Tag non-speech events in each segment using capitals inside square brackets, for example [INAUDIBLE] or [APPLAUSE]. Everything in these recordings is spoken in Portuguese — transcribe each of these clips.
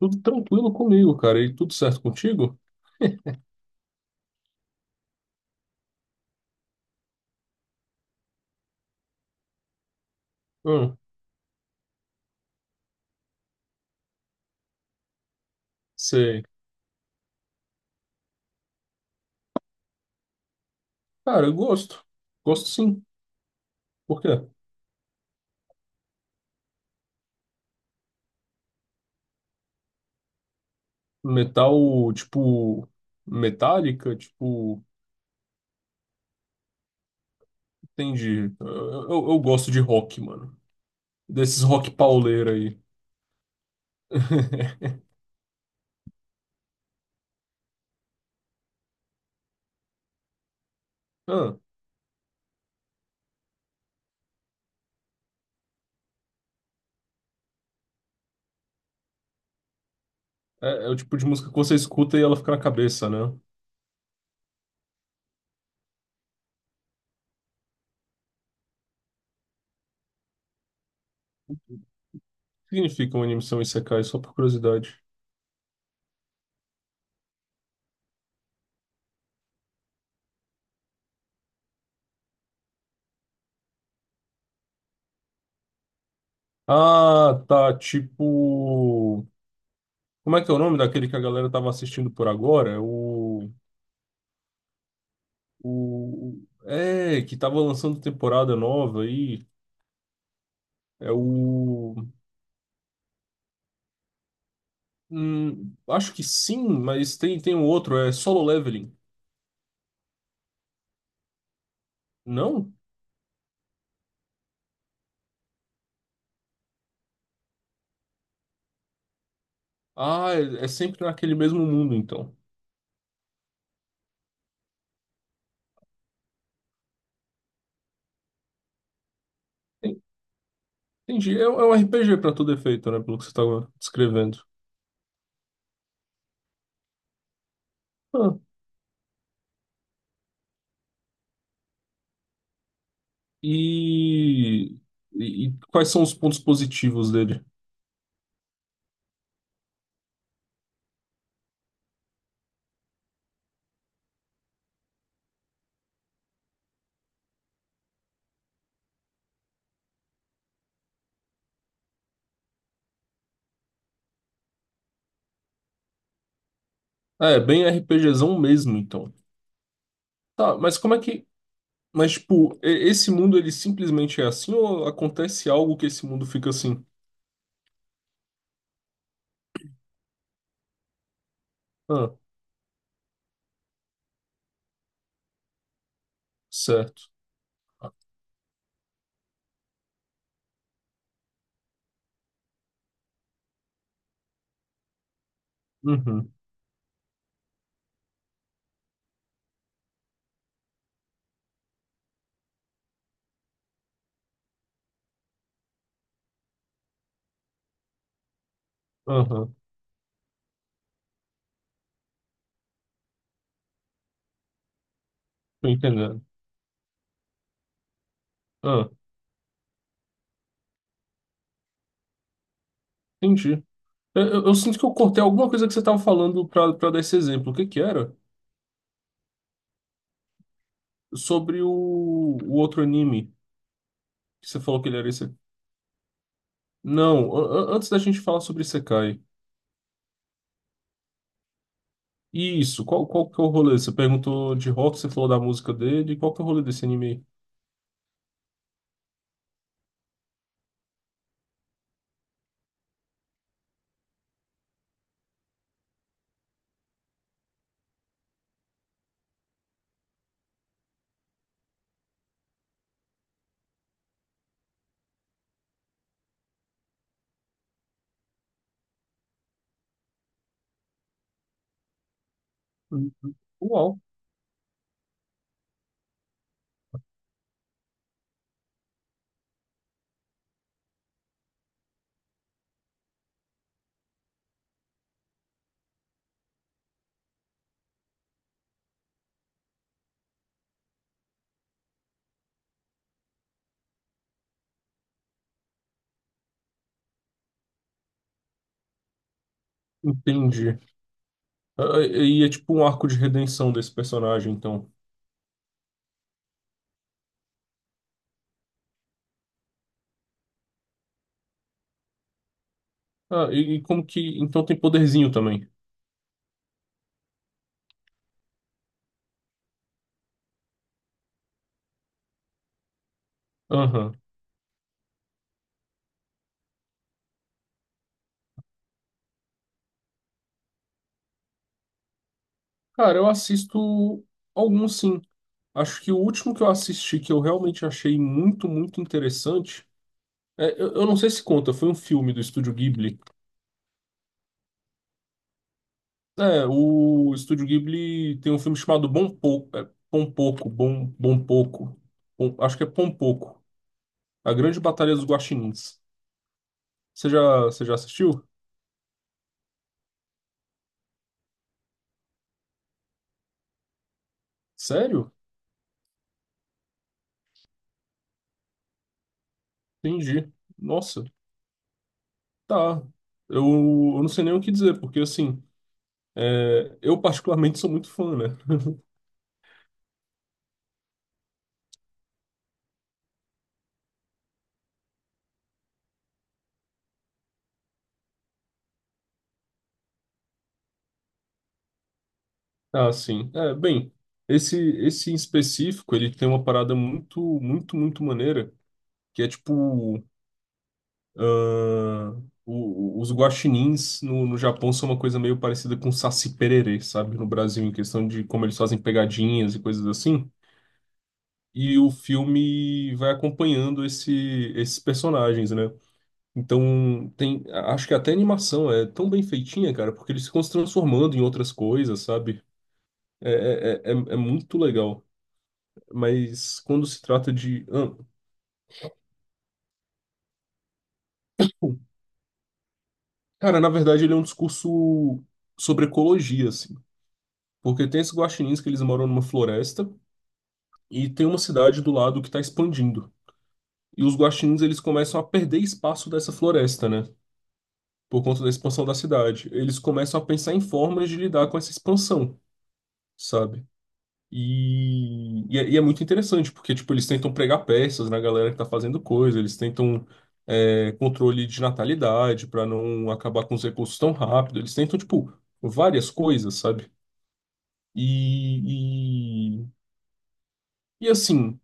Tudo tranquilo comigo, cara. E tudo certo contigo? Hum, sei. Cara, eu gosto. Gosto sim. Por quê? Metal, tipo, metálica, tipo, entendi. Eu gosto de rock, mano. Desses rock pauleira aí. [LAUGHS] Ah, é o tipo de música que você escuta e ela fica na cabeça, né? O que significa uma animação Isekai? Só por curiosidade. Ah, tá. Tipo. Como é que é o nome daquele que a galera tava assistindo por agora? É O. O, é, que tava lançando temporada nova aí. É o. Acho que sim, mas tem um outro, é Solo Leveling. Não? Ah, é sempre naquele mesmo mundo, então. En- Entendi. É um RPG pra todo efeito, né? Pelo que você tava descrevendo. Ah, e, e quais são os pontos positivos dele? Ah, é, bem RPGzão mesmo, então. Tá, mas como é que. Mas, tipo, esse mundo ele simplesmente é assim ou acontece algo que esse mundo fica assim? Ah, certo. Uhum, aham, tô entendendo. Ah, entendi. Eu sinto que eu cortei alguma coisa que você tava falando pra dar esse exemplo. O que que era? Sobre o outro anime que você falou que ele era esse. Não, antes da gente falar sobre Isekai. Isso, qual que é o rolê? Você perguntou de rock, você falou da música dele. Qual que é o rolê desse anime? Aí? Uhum. Uau, entendi. Ah, E é tipo um arco de redenção desse personagem, então. Ah, e como que. Então tem poderzinho também. Aham. Cara, eu assisto alguns sim. Acho que o último que eu assisti que eu realmente achei muito, muito interessante. Eu não sei se conta, foi um filme do Estúdio Ghibli. É, o Estúdio Ghibli tem um filme chamado Bom Pouco. É, Pom Pouco, Bom, Bom Pouco. Acho que é Pom Pouco. A Grande Batalha dos Guaxinins. Você já assistiu? Sério? Entendi. Nossa, tá. Eu, eu não sei nem o que dizer, porque assim, eu particularmente sou muito fã, né? Ah, sim. É, bem, esse esse em específico, ele tem uma parada muito, muito, muito maneira, que é tipo, os guaxinins no Japão são uma coisa meio parecida com Saci Pererê, sabe? No Brasil, em questão de como eles fazem pegadinhas e coisas assim. E o filme vai acompanhando esses personagens, né? Então, tem, acho que até a animação é tão bem feitinha, cara, porque eles ficam se transformando em outras coisas, sabe? É muito legal. Mas quando se trata de. Cara, na verdade, ele é um discurso sobre ecologia, assim. Porque tem esses guaxinins que eles moram numa floresta e tem uma cidade do lado que está expandindo. E os guaxinins, eles começam a perder espaço dessa floresta, né? Por conta da expansão da cidade. Eles começam a pensar em formas de lidar com essa expansão, sabe? E é muito interessante, porque, tipo, eles tentam pregar peças na galera que tá fazendo coisa, eles tentam controle de natalidade para não acabar com os recursos tão rápido, eles tentam, tipo, várias coisas, sabe? E, e, e, assim,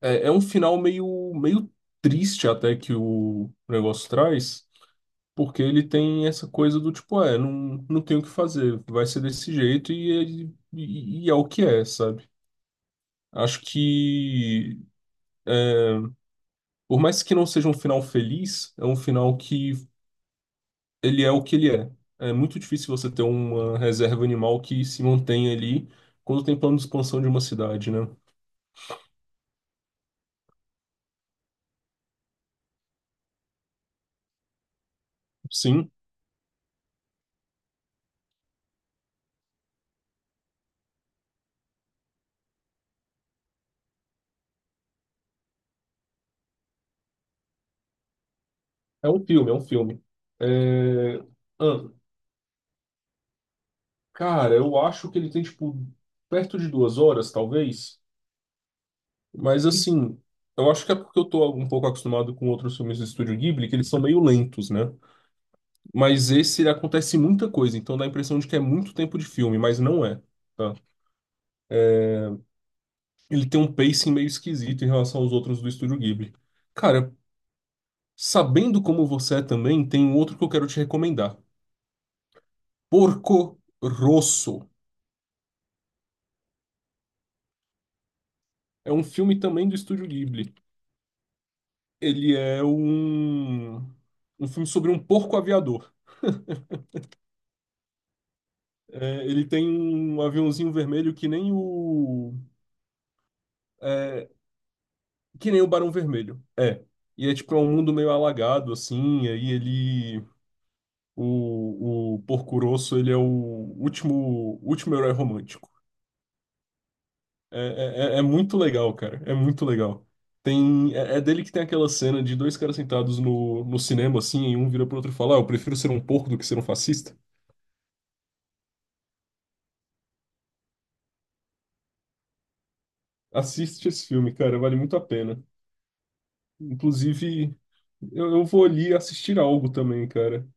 é um final meio, meio triste até que o negócio traz, porque ele tem essa coisa do tipo, não tem o que fazer, vai ser desse jeito e é o que é, sabe? Acho que por mais que não seja um final feliz, é um final que ele é o que ele é. É muito difícil você ter uma reserva animal que se mantenha ali quando tem plano de expansão de uma cidade, né? Sim, é um filme, é um filme. É... ah, cara, eu acho que ele tem, tipo, perto de 2 horas, talvez. Mas, assim, eu acho que é porque eu tô um pouco acostumado com outros filmes do Estúdio Ghibli, que eles são meio lentos, né? Mas esse, ele acontece muita coisa, então dá a impressão de que é muito tempo de filme, mas não é. Tá? Ele tem um pacing meio esquisito em relação aos outros do Estúdio Ghibli. Cara, sabendo como você é também, tem um outro que eu quero te recomendar. Porco Rosso. É um filme também do Estúdio Ghibli. Ele é um filme sobre um porco aviador. É, ele tem um aviãozinho vermelho que nem o... É, que nem o Barão Vermelho. É. E é tipo é um mundo meio alagado, assim, e aí ele... O Porco Rosso, ele é o último, último herói romântico. É muito legal, cara. É muito legal. Tem, é dele que tem aquela cena de dois caras sentados no cinema, assim, e um vira pro outro e fala: Ah, eu prefiro ser um porco do que ser um fascista. Assiste esse filme, cara, vale muito a pena. Inclusive, eu vou ali assistir algo também, cara.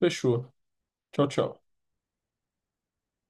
Fechou. Tchau, tchau.